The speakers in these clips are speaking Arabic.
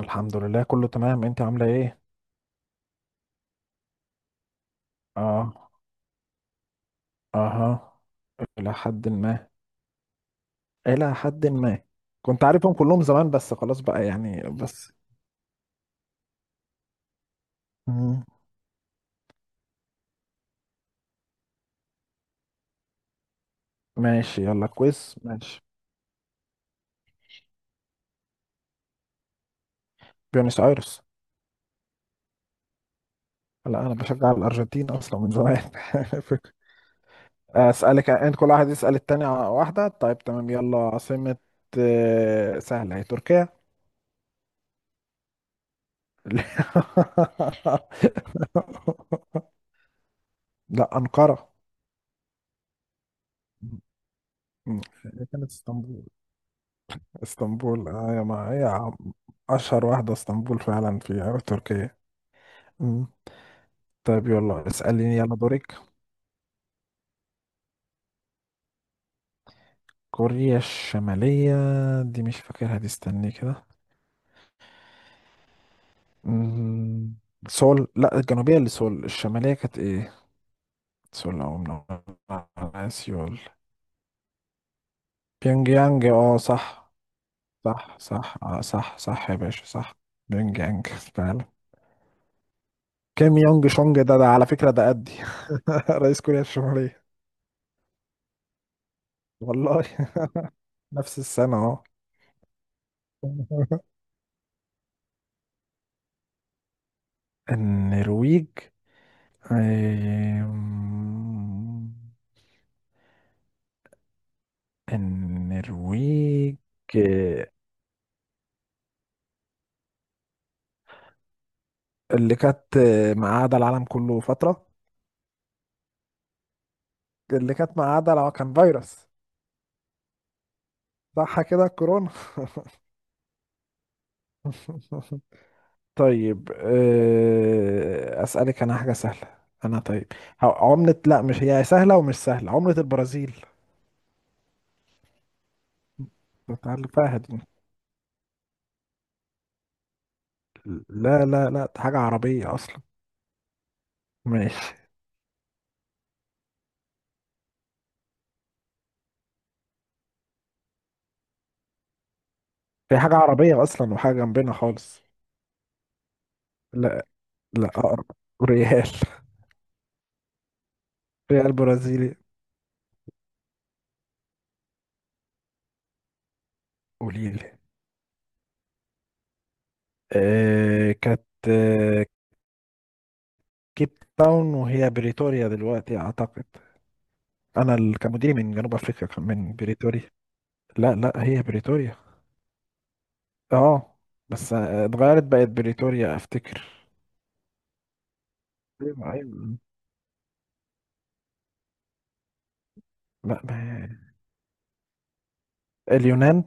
الحمد لله، كله تمام. انت عاملة ايه؟ اه. اها. الى حد ما، الى حد ما. كنت عارفهم كلهم زمان، بس خلاص بقى يعني بس. مم. ماشي يلا كويس ماشي. بيونس ايرس. لا، انا بشجع الارجنتين اصلا من زمان. فك- اسالك انت، كل واحد يسال التاني على واحدة. طيب تمام، يلا عاصمة. سهلة، هي تركيا. لا، انقرة. مم. هي كانت اسطنبول. اسطنبول، يا ما هي اشهر واحدة اسطنبول فعلا في تركيا. مم. طيب يلا اسأليني، يلا دورك. كوريا الشمالية. دي مش فاكرها دي، استني كده. مم. سول، لا الجنوبية اللي سول، الشمالية كانت ايه؟ سول او من سيول. بيونج يانج، اه صح. صح صح، اه صح صح، يا باشا صح. بيونج يانج فعلا. كيم يونج شونج، ده على فكرة، ده قدي. رئيس كوريا الشمالية. والله. نفس السنة اهو. النرويج. آم، النرويج. آه، اللي كانت مقعدة العالم كله فترة. اللي كانت مقعدة، لو كان فيروس. صح كده، كورونا. طيب، أسألك أنا حاجة سهلة. أنا طيب. عملة، لا مش هي سهلة، ومش سهلة، عملة البرازيل. كنت عارفها دي. لا لا لا، دي حاجة عربية أصلا. ماشي. هي حاجة عربية أصلا، وحاجة جنبنا خالص. لا، لا أقرب. ريال. ريال برازيلي. قولي لي. كانت آه كيب تاون، وهي بريتوريا دلوقتي أعتقد. أنا كمدير من جنوب أفريقيا، كان من بريتوريا. لا لا، هي بريتوريا. أه بس اتغيرت بقت بريتوريا أفتكر. أيوة أيوة. لا ما. اليونان.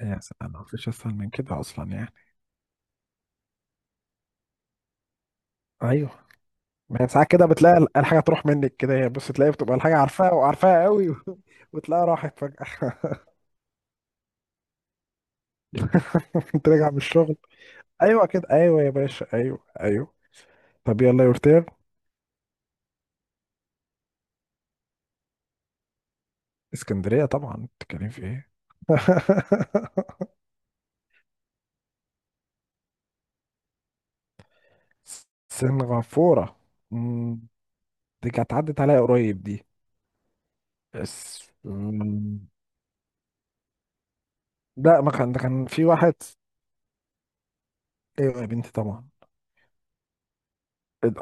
يا سلام، ما فيش أسهل من كده أصلا يعني. أيوه. ما هي ساعات كده بتلاقي الحاجة تروح منك كده، هي بص تلاقي بتبقى الحاجة عارفاها وعارفاها قوي. وتلاقيها راحت فجأة. كنت راجع من الشغل. ايوه كده، ايوه يا باشا، ايوه ايوه. طب يلا يا ورتير. اسكندرية طبعا، بتتكلم في ايه؟ سنغافورة. أمم، دي كانت عدت عليا قريب دي. بس. لا، ما كان، ده كان في واحد. ايوه يا بنتي طبعا.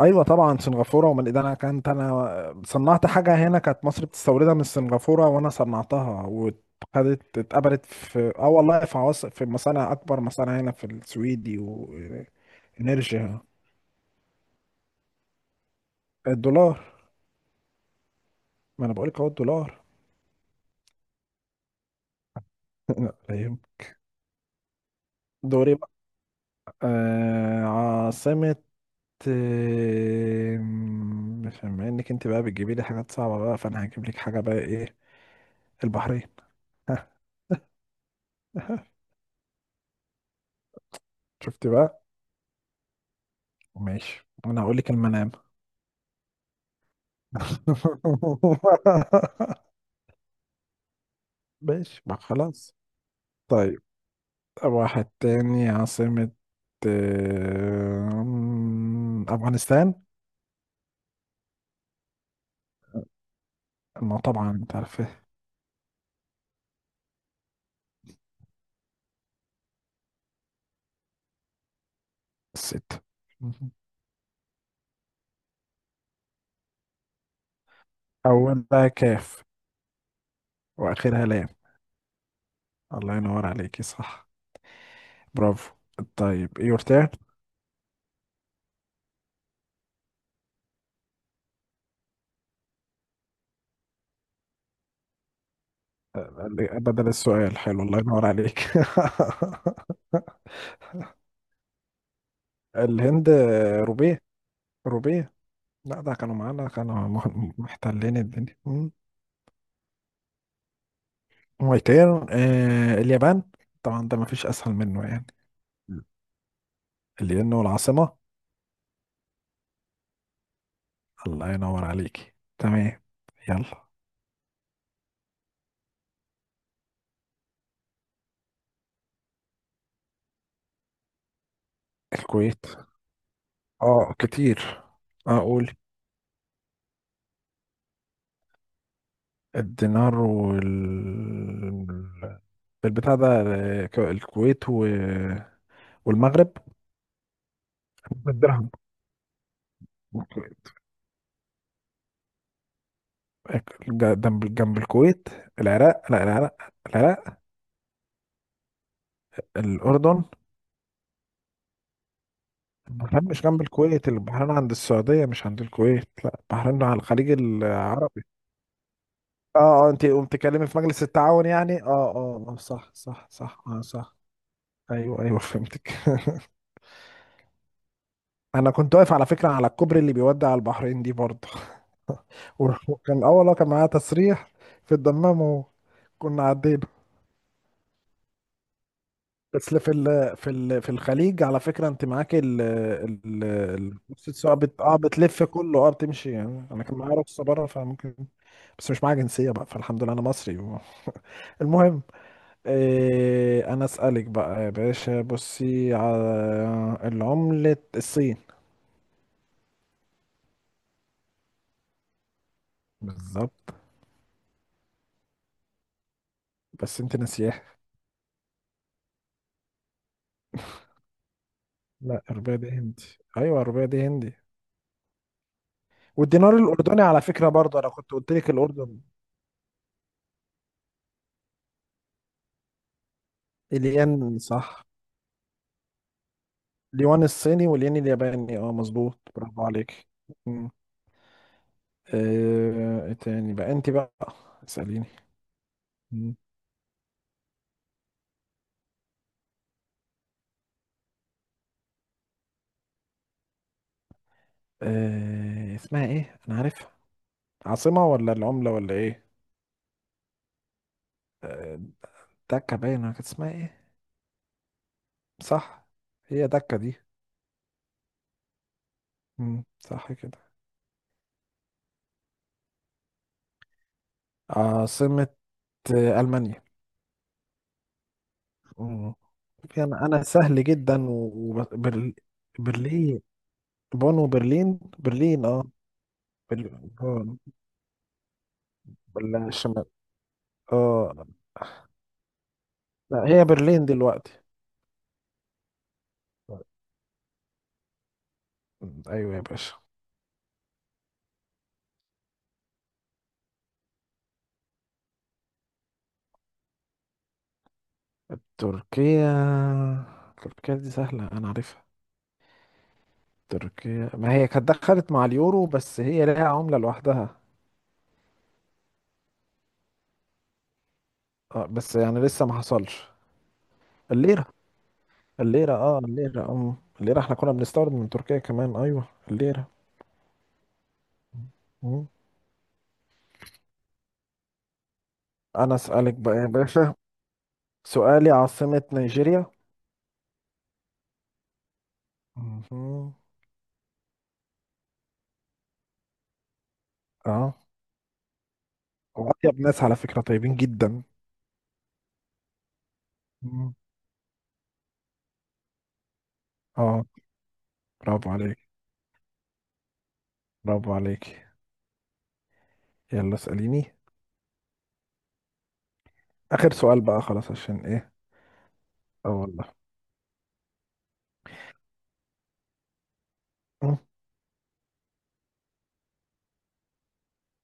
ايوه طبعا سنغافوره. ومن ده انا صنعت حاجه هنا، كانت مصر بتستوردها من سنغافوره، وانا صنعتها وخدت، اتقبلت في والله في عواصم، في مصانع، اكبر مصانع هنا في السويدي. نرجع. الدولار. ما انا بقولك اهو الدولار. لا فاهم. دوري بقى. عاصمة. بما انك انت بقى بتجيبي لي حاجات صعبة بقى، فانا هجيب لك حاجة بقى ايه. البحرين. شفت بقى. ماشي، انا هقول لك المنام. ماشي ما خلاص. طيب واحد تاني عاصمة، افغانستان. ما طبعا انت عارف. ستة. مهم. أولها كاف، وآخرها لام. الله ينور عليكي صح. برافو. طيب يور تيرن. بدل السؤال حلو، الله ينور عليك. الهند. روبيه، روبيه. لا، ده كانوا معانا، كانوا محتلين الدنيا. مم. ماي تيرن، اليابان. طبعا ده مفيش أسهل منه يعني. مم. الين، والعاصمة. الله ينور عليكي تمام. يلا. الكويت. اه كتير. اقول. الدينار البتاع ده. الكويت والمغرب. الدرهم. ج- جنب الكويت. العراق، لا العراق. العراق. الأردن. البحرين مش جنب الكويت، البحرين عند السعودية، مش عند الكويت، لا البحرين على الخليج العربي. اه. اه، انت قمت تكلمي في مجلس التعاون يعني، اه. اه صح صح صح، اه صح. ايوه ايوه، فهمتك. انا كنت واقف على فكره على الكوبري اللي بيودي على البحرين دي برضه. وكان اول واحد كان معايا تسريح في الدمام، وكنا عدينا. بس في ال في ال في الخليج على فكره انت معاك ال ال ال- رخصة السواقه بتلف كله، بتمشي يعني. انا كان معايا رخصه بره فممكن. بس مش معايا جنسيه بقى، فالحمد لله انا مصري المهم. انا اسالك بقى يا باشا، بصي على العمله، الصين. بالظبط. بس انت ناسيها. لا، الرباية دي هندي. ايوه، الرباية دي هندي. والدينار الاردني على فكرة برضه، انا كنت قلت لك الاردن. الين صح. اليوان الصيني والين الياباني، مظبوط، برافو عليك. مم. ايه تاني بقى انت بقى؟ اسأليني. مم. اسمها ايه انا عارفها، عاصمة ولا العملة ولا ايه؟ آه، دكة باينة، كانت اسمها ايه. صح. هي دكة دي. صح كده. عاصمة، ألمانيا. مم. انا سهل جدا، وبرلين. بون وبرلين، برلين اه. بون بالشمال. اه. لا هي برلين دلوقتي. ايوه يا باشا. تركيا، تركيا دي سهلة انا عارفها. تركيا ما هي كانت دخلت مع اليورو، بس هي ليها عملة لوحدها. اه بس يعني لسه ما حصلش. الليرة. الليرة اه الليرة ام الليرة احنا كنا بنستورد من تركيا كمان، ايوه. الليرة. مم. انا اسألك بقى يا باشا. سؤالي عاصمة نيجيريا. مهم. اه، وأطيب ناس على فكرة، طيبين جدا. مهم. اه، برافو عليك، برافو عليك. يلا اسأليني. آخر سؤال بقى خلاص، عشان ايه. اه والله. مم.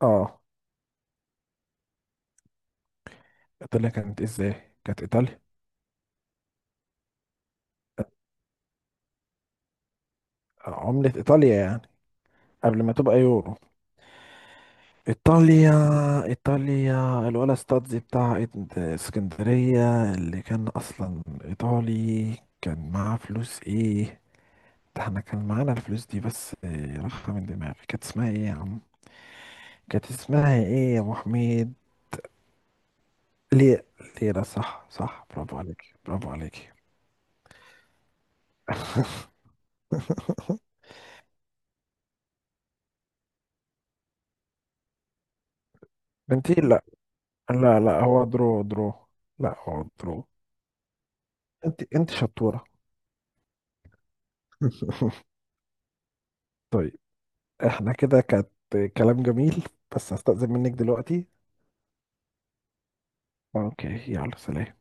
اه. ايطاليا كانت إيه ازاي، كانت ايطاليا. عملة ايطاليا يعني قبل ما تبقى يورو. ايطاليا. ايطاليا الولا ستادزي بتاع اسكندرية، اللي كان اصلا ايطالي، كان معاه فلوس ايه؟ ده احنا كان معانا الفلوس دي، بس راحة من دماغي، كانت اسمها ايه يا عم. كانت اسمها ايه يا ابو حميد. ليه. ليه صح صح، برافو عليك، برافو عليك. انتي لا. لا لا، هو درو درو. لا هو درو. انت شطورة. طيب. احنا كده كانت كلام جميل، بس هستأذن منك دلوقتي. اوكي. يلا سلام.